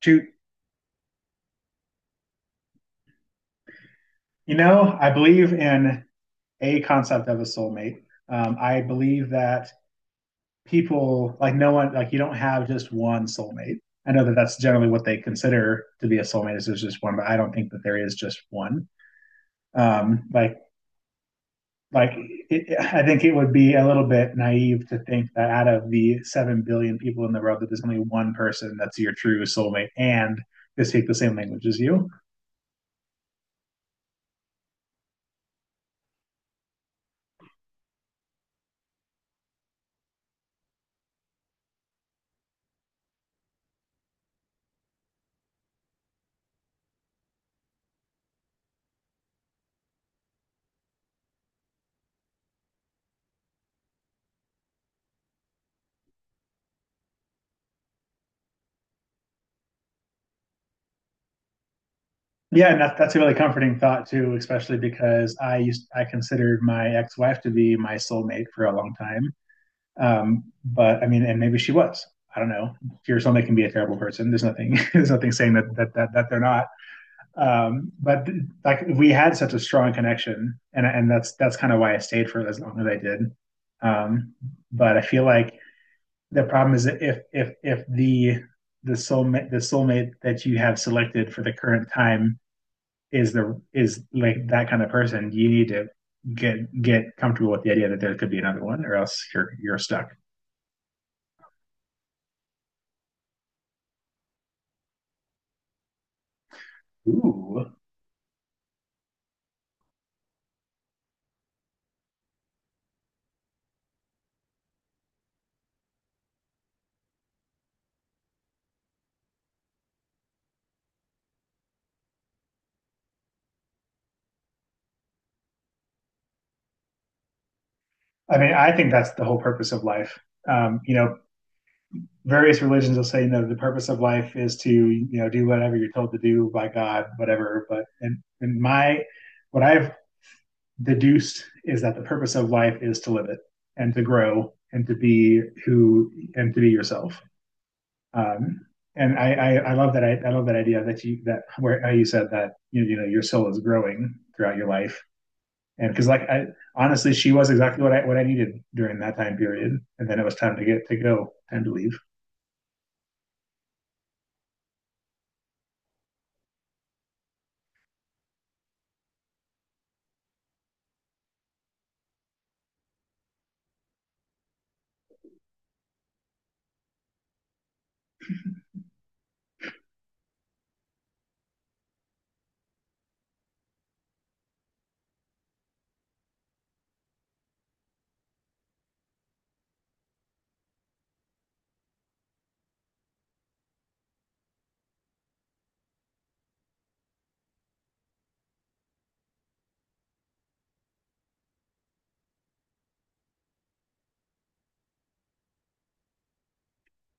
Shoot, you know, I believe in a concept of a soulmate. I believe that people, like no one, like you don't have just one soulmate. I know that that's generally what they consider to be a soulmate is there's just one, but I don't think that there is just one. Um, like, like it, I think it would be a little bit naive to think that out of the 7 billion people in the world, that there's only one person that's your true soulmate and they speak the same language as you. Yeah, and that's a really comforting thought too, especially because I considered my ex-wife to be my soulmate for a long time. But I mean, and maybe she was. I don't know. Your soulmate can be a terrible person. There's nothing. There's nothing saying that they're not. But like we had such a strong connection, and that's kind of why I stayed for as long as I did. Um, but I feel like the problem is that if the soulmate that you have selected for the current time is the is like that kind of person, you need to get get comfortable with the idea that there could be another one, or else you're stuck. Ooh. I mean, I think that's the whole purpose of life. Um, you know, various religions will say, you know, the purpose of life is to, you know, do whatever you're told to do by God, whatever. But in my, what I've deduced is that the purpose of life is to live it and to grow and to be yourself. Um, and I love that I love that idea that you that where how you said that you know your soul is growing throughout your life and because like I honestly she was exactly what I needed during that time period and then it was time to get to go time to leave.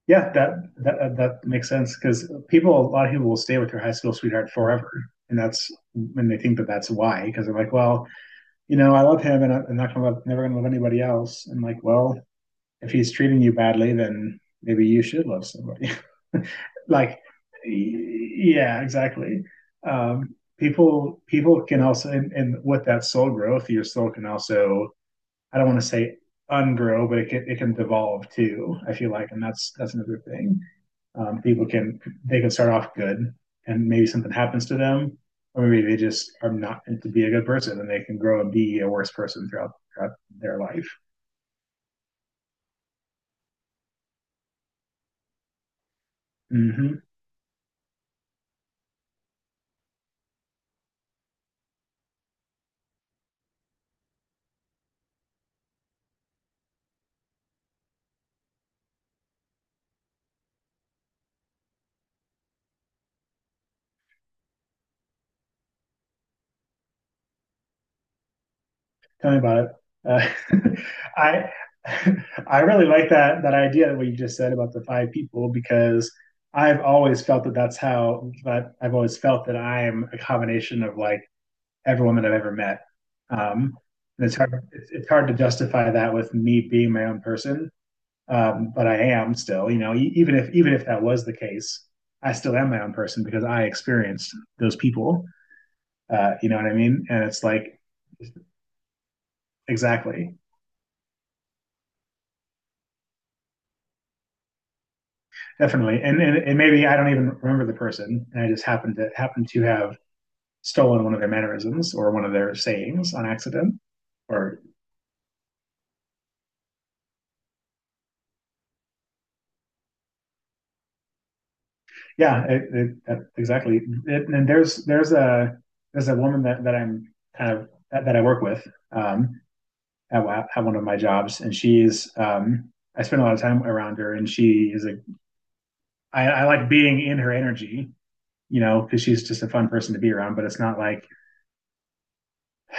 Yeah, that makes sense because people a lot of people will stay with their high school sweetheart forever, and that's when they think that that's why, because they're like, well, you know, I love him and I'm not gonna never gonna love anybody else. And like, well, if he's treating you badly, then maybe you should love somebody. Like, yeah, exactly. People people can also, and with that soul growth, your soul can also. I don't want to say ungrow, but it can devolve too. I feel like, and that's another thing. People can they can start off good, and maybe something happens to them, or maybe they just are not meant to be a good person, and they can grow and be a worse person throughout their life. Mm-hmm. Tell me about it. Uh, I I really like that idea what you just said about the five people because I've always felt that I've always felt that I'm a combination of like every woman I've ever met. Um, and it's hard to justify that with me being my own person, but I am still. You know, even if that was the case, I still am my own person because I experienced those people. You know what I mean? And it's like exactly, definitely. And, and maybe I don't even remember the person, and I just happen to have stolen one of their mannerisms or one of their sayings on accident. Or Yeah, exactly. It, and there's a woman that I'm kind of that I work with, um, at, at one of my jobs, and she's I spend a lot of time around her, and she is a I like being in her energy, you know, because she's just a fun person to be around. But it's not like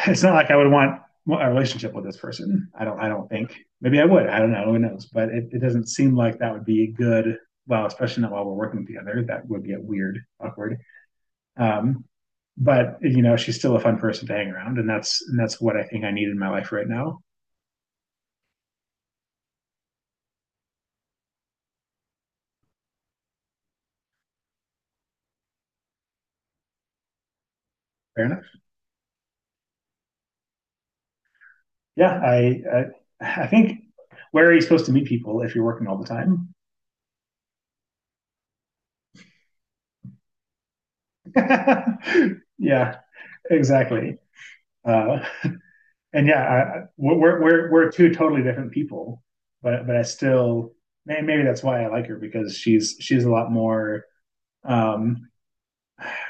I would want a relationship with this person. I don't. I don't think. Maybe I would. I don't know. Who knows? But it doesn't seem like that would be good. Well, especially not while we're working together. That would get weird, awkward. Um, but you know, she's still a fun person to hang around, and that's what I think I need in my life right now. Fair enough. Yeah, I think where are you supposed to meet people if you're working all the time? Yeah, exactly. Uh, and yeah, we're two totally different people, but I still, maybe that's why I like her, because she's a lot more, um,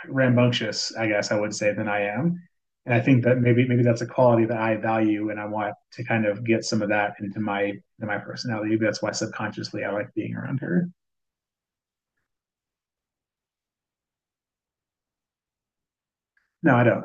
rambunctious, I guess I would say, than I am. And I think that maybe that's a quality that I value, and I want to kind of get some of that into my personality. Maybe that's why subconsciously I like being around her. No, I don't.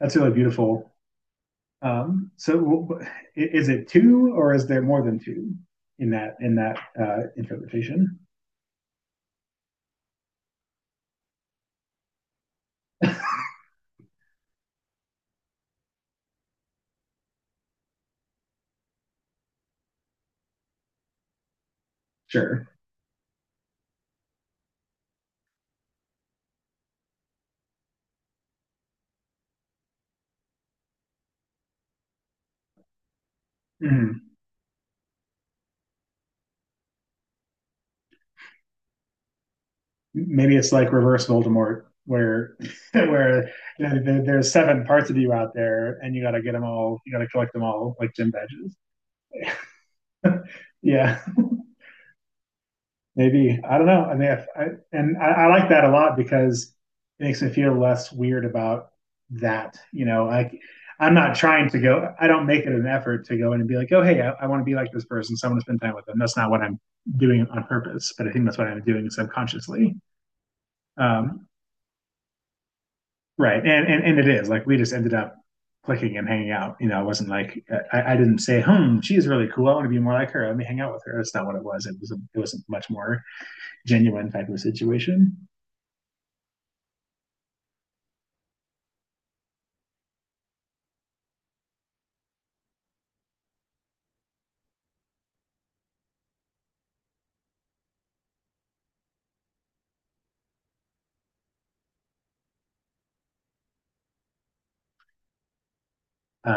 That's really beautiful. So is it two or is there more than two in that interpretation? Sure. Mhm. Maybe it's like reverse Voldemort, where where you know, there's seven parts of you out there, and you got to get them all. You got to collect them all, like gym badges. Yeah, maybe I don't know. I mean, if I, and I like that a lot because it makes me feel less weird about that. You know, like I'm not trying to go. I don't make it an effort to go in and be like, oh, hey, I want to be like this person. So I want to spend time with them. That's not what I'm doing on purpose, but I think that's what I'm doing subconsciously. Um, Right. And, and it is like we just ended up clicking and hanging out. You know, I wasn't like I didn't say, "Hmm, she's really cool. I want to be more like her. Let me hang out with her." That's not what it was. It was a much more genuine type of situation. Oh,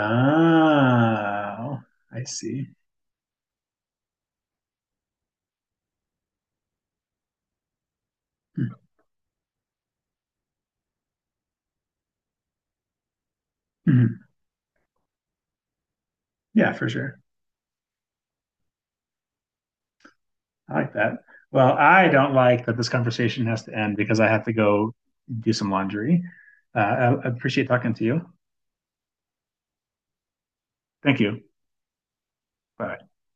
I see. Mhm. Yeah, for sure. I like that. Well, I don't like that this conversation has to end because I have to go do some laundry. I appreciate talking to you. Thank you. Bye.